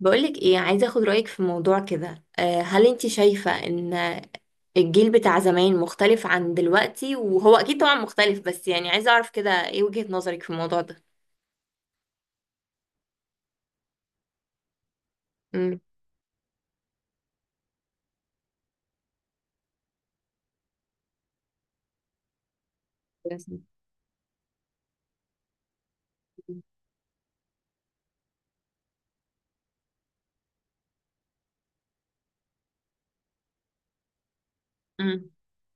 بقولك ايه، عايزة اخد رأيك في موضوع كده. هل انت شايفة ان الجيل بتاع زمان مختلف عن دلوقتي؟ وهو اكيد طبعا مختلف، بس يعني عايزة اعرف كده ايه وجهة نظرك في الموضوع ده. امم. مم.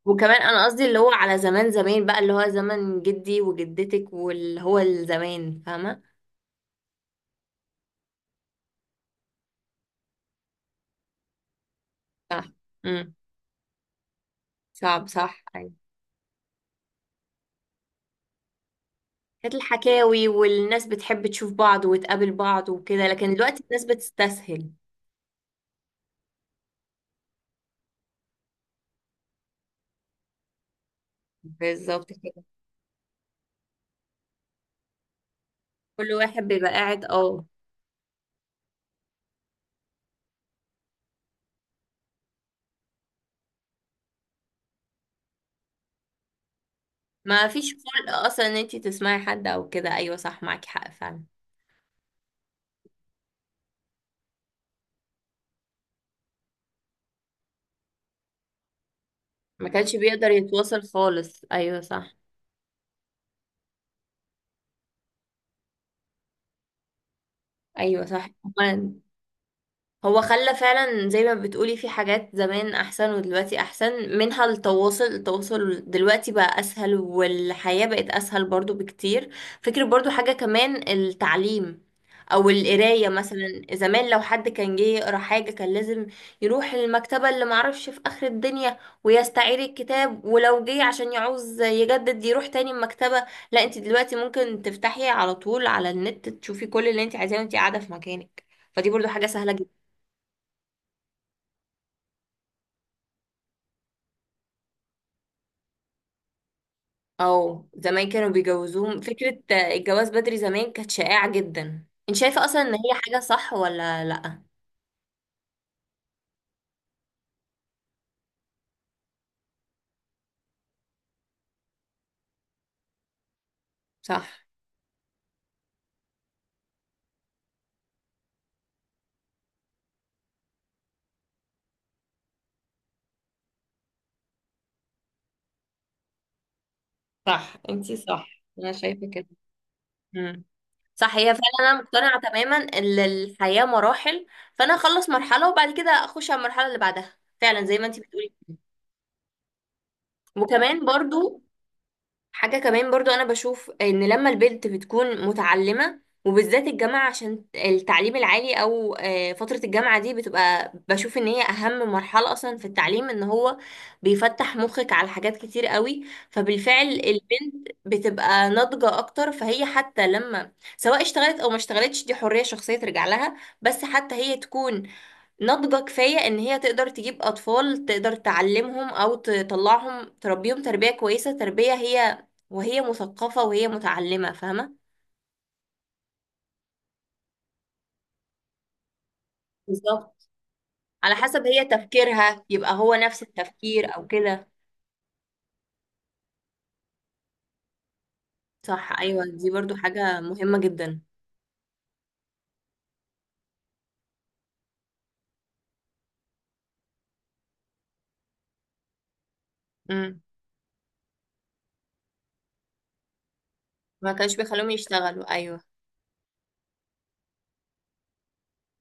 وكمان انا قصدي اللي هو على زمان زمان بقى، اللي هو زمن جدي وجدتك واللي هو الزمان، فاهمة؟ صح. مم. صعب، صح، أيوة. كانت الحكاوي والناس بتحب تشوف بعض وتقابل بعض وكده، لكن دلوقتي الناس بتستسهل. بالظبط كده. كل واحد بيبقى قاعد، اه. ما فيش خلق اصلا ان انتي تسمعي حد او كده، ايوه صح، معاكي حق فعلا. ما كانش بيقدر يتواصل خالص، ايوه صح. ايوه صح هما. هو خلى فعلا زي ما بتقولي، في حاجات زمان احسن ودلوقتي احسن منها. التواصل، التواصل دلوقتي بقى اسهل، والحياة بقت اسهل برضو بكتير. فكرة برضو، حاجة كمان التعليم او القراية مثلا. زمان لو حد كان جه يقرا حاجة كان لازم يروح المكتبة اللي معرفش في اخر الدنيا ويستعير الكتاب، ولو جه عشان يعوز يجدد يروح تاني المكتبة. لا انت دلوقتي ممكن تفتحي على طول على النت، تشوفي كل اللي انت عايزاه وانت قاعدة في مكانك، فدي برضو حاجة سهلة جدا. او زمان كانوا بيجوزوهم. فكرة الجواز بدري زمان كانت شائعة جدا. انت شايفة اصلا ان هي حاجة صح ولا لأ؟ صح. صح، انتي صح، انا شايفة كده. مم. صح، هي فعلا انا مقتنعة تماما ان الحياة مراحل. فانا اخلص مرحلة وبعد كده اخش على المرحلة اللي بعدها، فعلا زي ما انتي بتقولي. وكمان برضو حاجة كمان برضو، أنا بشوف إن لما البنت بتكون متعلمة، وبالذات الجامعة، عشان التعليم العالي أو فترة الجامعة دي، بتبقى بشوف إن هي أهم مرحلة أصلا في التعليم. إن هو بيفتح مخك على حاجات كتير قوي، فبالفعل البنت بتبقى ناضجة أكتر. فهي حتى لما سواء اشتغلت أو ما اشتغلتش، دي حرية شخصية ترجع لها. بس حتى هي تكون ناضجة كفاية ان هي تقدر تجيب اطفال، تقدر تعلمهم او تطلعهم، تربيهم تربية كويسة، تربية هي وهي مثقفة وهي متعلمة، فاهمة. بالظبط. على حسب هي تفكيرها، يبقى هو نفس التفكير او كده. صح، ايوه دي برضو حاجة مهمة جدا. امم. ما كانش بيخلوهم يشتغلوا، ايوه.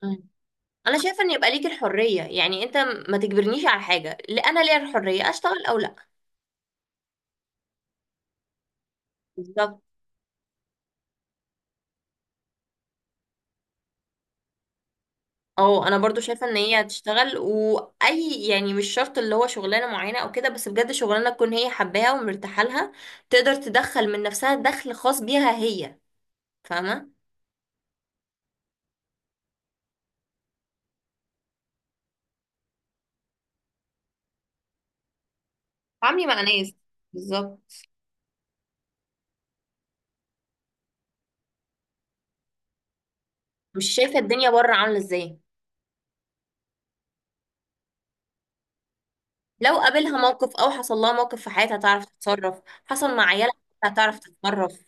مم. انا شايفة ان يبقى ليك الحرية، يعني انت ما تجبرنيش على حاجة. لا، انا ليا الحرية، اشتغل او لا. بالظبط. اه، انا برضو شايفه ان هي هتشتغل. واي يعني مش شرط اللي هو شغلانه معينه او كده، بس بجد شغلانه تكون هي حباها ومرتاحه لها. تقدر تدخل من نفسها دخل خاص بيها هي، فاهمه. تعاملي مع ناس. بالظبط. مش شايفه الدنيا بره عامله ازاي. لو قابلها موقف او حصل لها موقف في حياتها هتعرف تتصرف، حصل مع عيالها هتعرف تتصرف.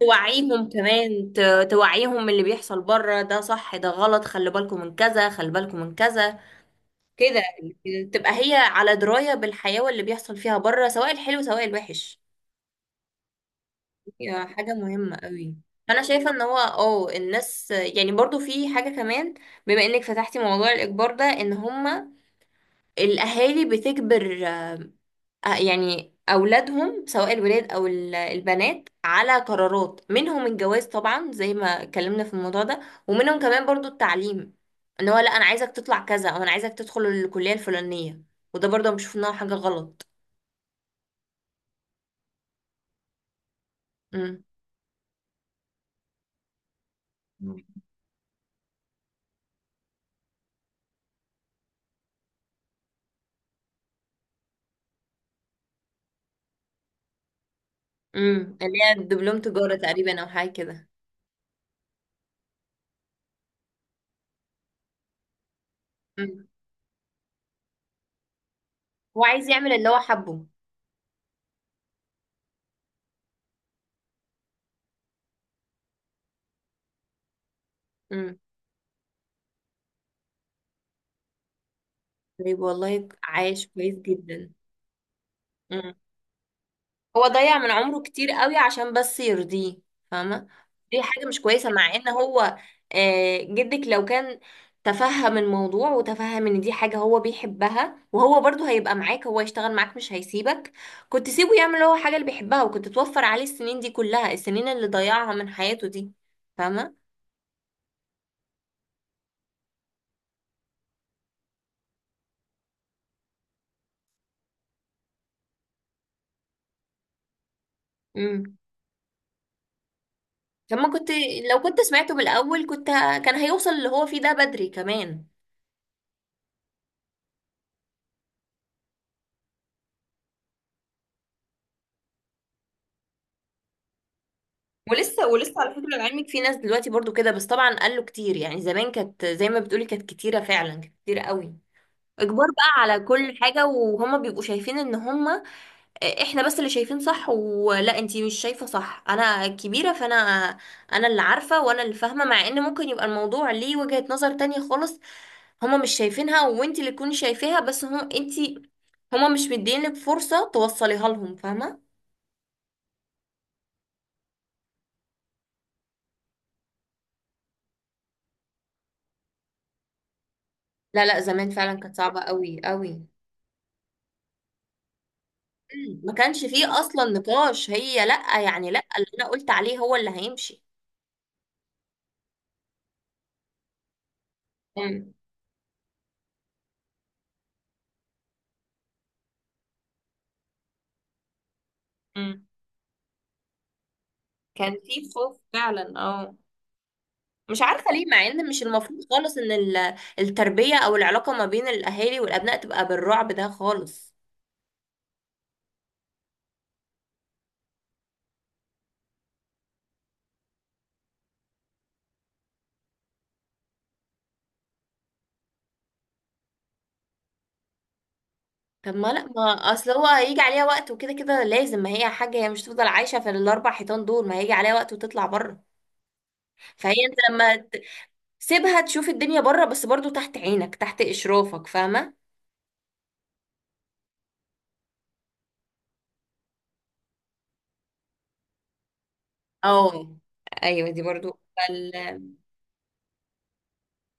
توعيهم كمان، توعيهم من اللي بيحصل بره. ده صح ده غلط، خلي بالكم من كذا، خلي بالكم من كذا كده. تبقى هي على دراية بالحياة واللي بيحصل فيها بره، سواء الحلو سواء الوحش. هي حاجة مهمة قوي. أنا شايفة إن هو الناس يعني برضو في حاجة كمان. بما إنك فتحتي موضوع الإجبار ده، إن هما الأهالي بتجبر يعني أولادهم، سواء الولاد أو البنات، على قرارات منهم. الجواز طبعا زي ما اتكلمنا في الموضوع ده، ومنهم كمان برضو التعليم، إن هو لأ أنا عايزك تطلع كذا أو أنا عايزك تدخل الكلية الفلانية. وده برضه بشوف إنها حاجة غلط. امم. مم. امم، اللي هي دبلوم تجارة تقريبا او حاجة كده. امم. هو عايز يعمل اللي هو حبه. امم. طيب، والله عايش كويس جدا. امم. هو ضيع من عمره كتير قوي عشان بس يرضيه، فاهمة. دي حاجة مش كويسة مع ان هو جدك لو كان تفهم الموضوع وتفهم ان دي حاجة هو بيحبها، وهو برضو هيبقى معاك، هو يشتغل معاك مش هيسيبك. كنت سيبه يعمل هو حاجة اللي بيحبها، وكنت توفر عليه السنين دي كلها، السنين اللي ضيعها من حياته دي، فاهمة. مم. طب ما كنت، لو كنت سمعته من الأول كنت كان هيوصل اللي هو فيه ده بدري كمان. ولسه ولسه، على فكرة، لعلمك، في ناس دلوقتي برضو كده، بس طبعا قالوا كتير يعني. زمان كانت زي ما بتقولي، كانت كتيرة فعلا، كانت كتيرة قوي. اجبار بقى على كل حاجة، وهما بيبقوا شايفين ان هما احنا بس اللي شايفين صح. ولا انتي مش شايفة صح؟ انا كبيرة، فانا انا اللي عارفة وانا اللي فاهمة، مع ان ممكن يبقى الموضوع ليه وجهة نظر تانية خالص، هما مش شايفينها وانت اللي تكوني شايفاها. بس هم انت، هما مش مدينك فرصة توصليها لهم، فاهمة. لا لا، زمان فعلا كانت صعبة قوي قوي. مم. ما كانش فيه اصلا نقاش، هي لا يعني، لا، اللي انا قلت عليه هو اللي هيمشي. مم. مم. كان في خوف فعلا، اه. مش عارفة ليه، ليه، مع ان مش المفروض خالص ان التربية او العلاقة ما بين الاهالي والابناء تبقى بالرعب ده خالص. طب ما لا، ما اصل هو هيجي عليها وقت، وكده كده لازم. ما هي حاجه، هي مش تفضل عايشه في الاربع حيطان دول، ما هيجي عليها وقت وتطلع بره. فهي انت لما سيبها تشوف الدنيا بره، بس برضو تحت عينك، تحت اشرافك، فاهمه. اه. ايوه دي برضو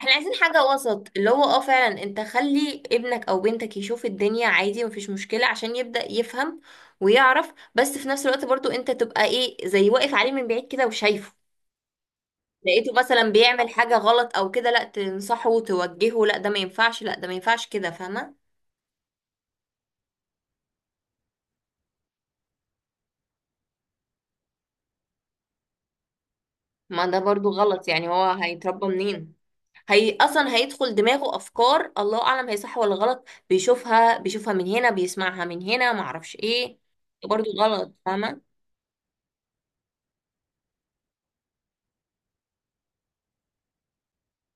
احنا عايزين حاجه وسط، اللي هو اه فعلا، انت خلي ابنك او بنتك يشوف الدنيا عادي، مفيش مشكله عشان يبدا يفهم ويعرف، بس في نفس الوقت برضو انت تبقى ايه، زي واقف عليه من بعيد كده وشايفه. لقيته مثلا بيعمل حاجة غلط او كده، لا تنصحه وتوجهه، لا ده ما ينفعش، لا ده ما ينفعش كده، فاهمة. ما ده برضو غلط، يعني هو هيتربى منين؟ هي اصلا هيدخل دماغه افكار الله اعلم هي صح ولا غلط. بيشوفها بيشوفها من هنا، بيسمعها من هنا، ما اعرفش ايه. برضو غلط، فاهمة.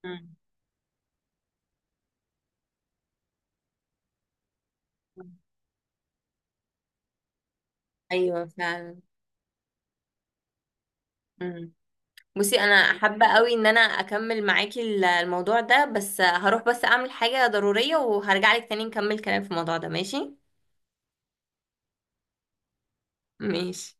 مم. ايوه فعلا. مم. بصي، انا حابة قوي ان انا اكمل معاكي الموضوع ده، بس هروح بس اعمل حاجة ضرورية وهرجع لك تاني نكمل كلام في الموضوع ده، ماشي؟ ماشي.